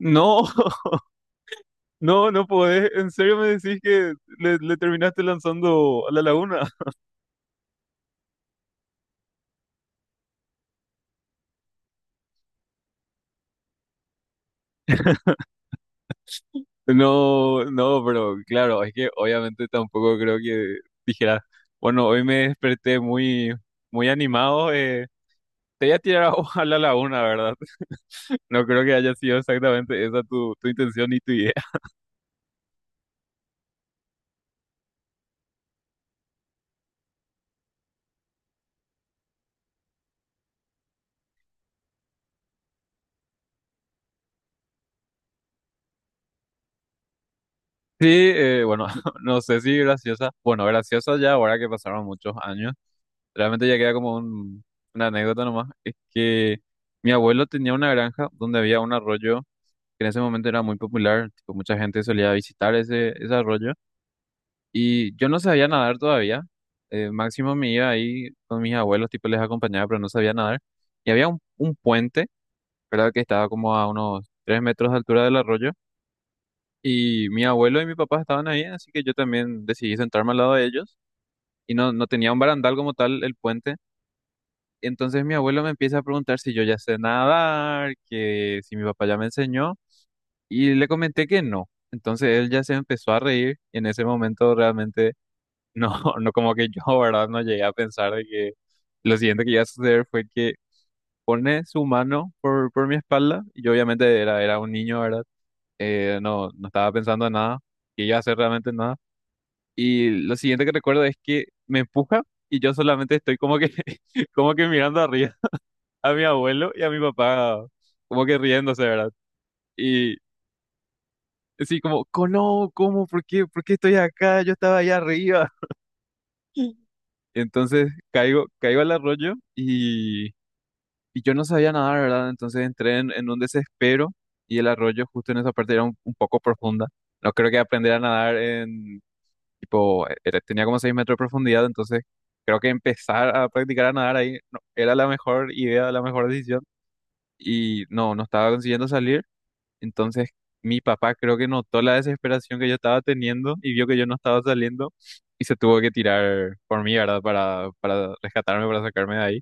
No, no, no podés. ¿En serio me decís que le terminaste lanzando a la laguna? No, no, pero claro, es que obviamente tampoco creo que dijeras, bueno, hoy me desperté muy, muy animado, te voy a tirar agua a la laguna, ¿verdad? No creo que haya sido exactamente esa tu intención y tu idea. Sí, bueno, no sé si graciosa. Bueno, graciosa ya ahora que pasaron muchos años. Realmente ya queda como una anécdota nomás. Es que mi abuelo tenía una granja donde había un arroyo que en ese momento era muy popular. Tipo, mucha gente solía visitar ese arroyo. Y yo no sabía nadar todavía. Máximo me iba ahí con mis abuelos, tipo les acompañaba, pero no sabía nadar. Y había un puente, ¿verdad? Que estaba como a unos 3 metros de altura del arroyo. Y mi abuelo y mi papá estaban ahí, así que yo también decidí sentarme al lado de ellos. Y no, no tenía un barandal como tal el puente. Entonces mi abuelo me empieza a preguntar si yo ya sé nadar, que si mi papá ya me enseñó, y le comenté que no. Entonces él ya se empezó a reír y en ese momento realmente no, no como que yo, ¿verdad? No llegué a pensar de que lo siguiente que iba a suceder fue que pone su mano por mi espalda y yo obviamente era un niño, ¿verdad? No, no estaba pensando en nada, que iba a hacer realmente nada. Y lo siguiente que recuerdo es que me empuja y yo solamente estoy como que, como que mirando arriba a mi abuelo y a mi papá, como que riéndose, ¿verdad? Y así como, No, ¿cómo? ¿Por qué? ¿Por qué estoy acá? Yo estaba allá arriba. Entonces caigo, caigo al arroyo y yo no sabía nadar, ¿verdad? Entonces entré en un desespero y el arroyo justo en esa parte era un poco profunda. No creo que aprender a nadar en, tipo, tenía como 6 metros de profundidad, entonces creo que empezar a practicar a nadar ahí era la mejor idea, la mejor decisión y no, no estaba consiguiendo salir. Entonces mi papá creo que notó la desesperación que yo estaba teniendo y vio que yo no estaba saliendo y se tuvo que tirar por mí, ¿verdad? Para rescatarme, para sacarme de ahí.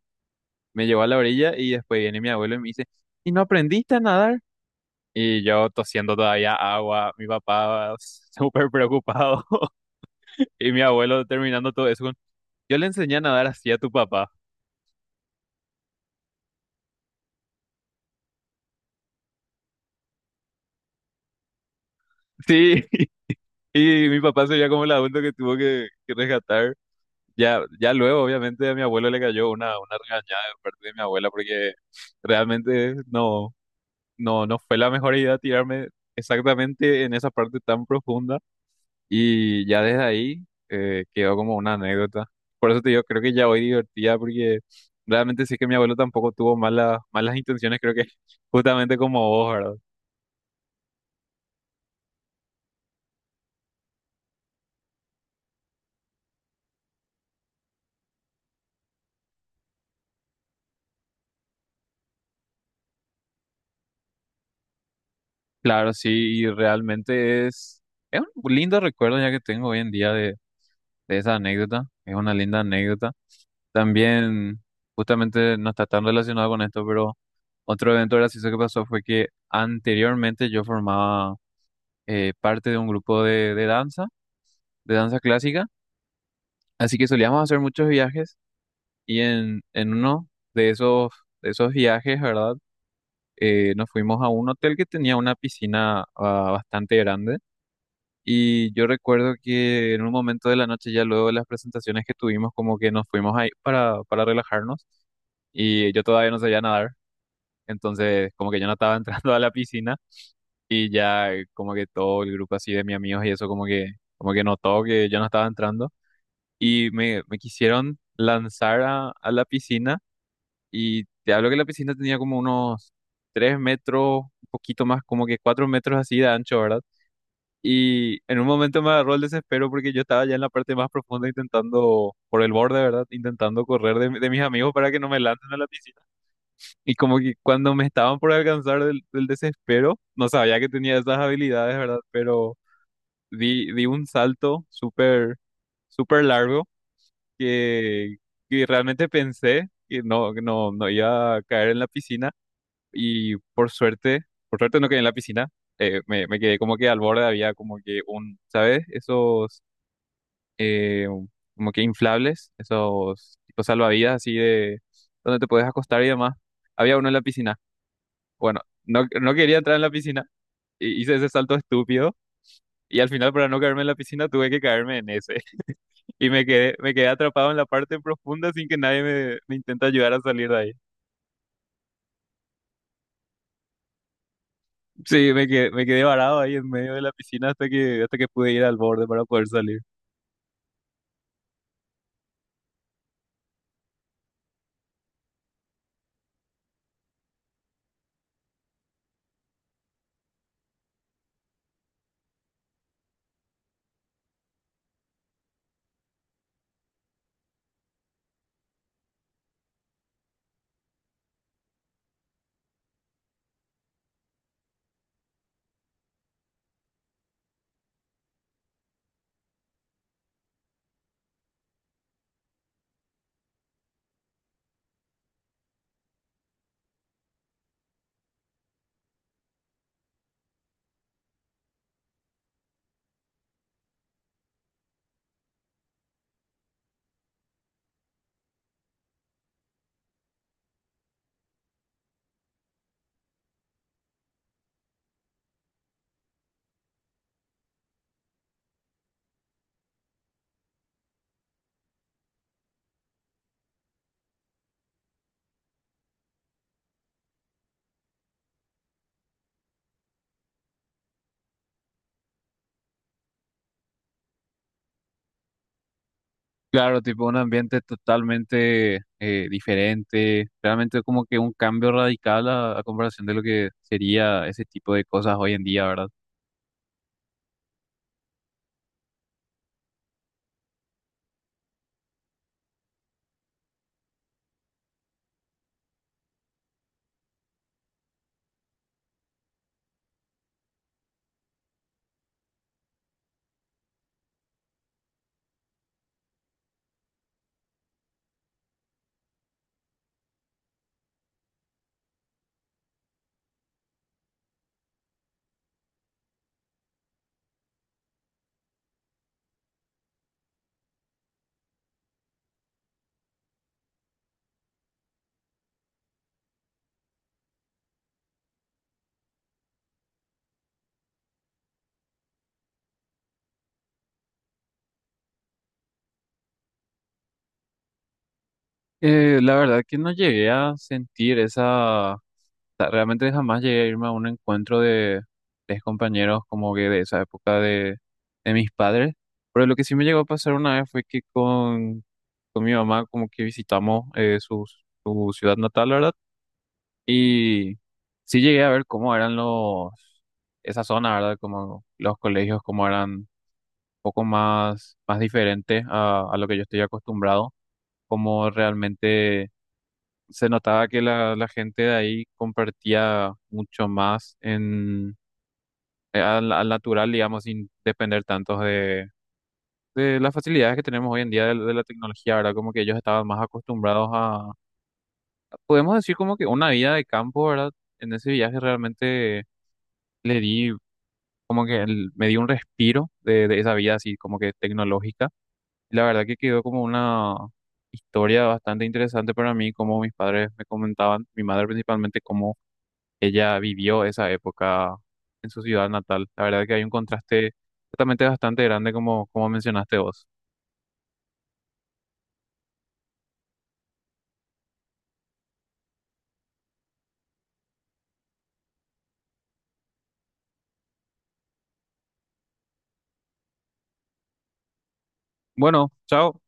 Me llevó a la orilla y después viene mi abuelo y me dice, ¿y no aprendiste a nadar? Y yo tosiendo todavía agua, mi papá súper preocupado y mi abuelo terminando todo eso con, yo le enseñé a nadar así a tu papá. Sí, y mi papá sería como el adulto que tuvo que rescatar. Ya, ya luego, obviamente, a mi abuelo le cayó una regañada de parte de mi abuela porque realmente no, no, no fue la mejor idea tirarme exactamente en esa parte tan profunda y ya desde ahí quedó como una anécdota. Por eso te digo, creo que ya hoy divertida porque realmente sí que mi abuelo tampoco tuvo malas, malas intenciones, creo que justamente como vos, ¿verdad? Claro, sí, y realmente es un lindo recuerdo ya que tengo hoy en día de esa anécdota, es una linda anécdota. También, justamente no está tan relacionado con esto, pero otro evento gracioso que pasó fue que anteriormente yo formaba parte de un grupo de danza, de danza clásica, así que solíamos hacer muchos viajes y en uno de esos, de esos viajes, ¿verdad? Nos fuimos a un hotel que tenía una piscina bastante grande y yo recuerdo que en un momento de la noche, ya luego de las presentaciones que tuvimos, como que nos fuimos ahí para relajarnos y yo todavía no sabía nadar. Entonces, como que yo no estaba entrando a la piscina y ya como que todo el grupo así de mis amigos y eso como que notó que yo no estaba entrando y me quisieron lanzar a la piscina y te hablo que la piscina tenía como unos 3 metros, un poquito más, como que 4 metros así de ancho, ¿verdad? Y en un momento me agarró el desespero porque yo estaba ya en la parte más profunda intentando, por el borde, ¿verdad? Intentando correr de mis amigos para que no me lancen a la piscina. Y como que cuando me estaban por alcanzar del desespero, no sabía que tenía esas habilidades, ¿verdad? Pero di un salto súper, súper largo que, que realmente pensé que no iba a caer en la piscina. Y por suerte no quedé en la piscina. Me quedé como que al borde había como que un, ¿sabes? Esos eh, como que inflables, esos tipo salvavidas así de donde te puedes acostar y demás. Había uno en la piscina. Bueno, no, no quería entrar en la piscina, y hice ese salto estúpido y al final para no caerme en la piscina tuve que caerme en ese y me quedé atrapado en la parte profunda sin que nadie me intente ayudar a salir de ahí. Sí, me quedé varado ahí en medio de la piscina hasta que pude ir al borde para poder salir. Claro, tipo un ambiente totalmente diferente, realmente como que un cambio radical a comparación de lo que sería ese tipo de cosas hoy en día, ¿verdad? La verdad que no llegué a sentir esa sea, realmente jamás llegué a irme a un encuentro de, tres compañeros como que de esa época de mis padres. Pero lo que sí me llegó a pasar una vez fue que con mi mamá como que visitamos su ciudad natal, ¿verdad? Y sí llegué a ver cómo eran esa zona, ¿verdad? Como los colegios, cómo eran un poco más, más diferentes a lo que yo estoy acostumbrado, cómo realmente se notaba que la gente de ahí compartía mucho más en, al natural, digamos, sin depender tanto de las facilidades que tenemos hoy en día de la tecnología, ¿verdad? Como que ellos estaban más acostumbrados podemos decir como que una vida de campo, ¿verdad? En ese viaje realmente le di, como que el- me di un respiro de esa vida así, como que tecnológica. Y la verdad que quedó como una historia bastante interesante para mí, como mis padres me comentaban, mi madre principalmente, cómo ella vivió esa época en su ciudad natal. La verdad que hay un contraste totalmente bastante grande como mencionaste vos. Bueno, chao.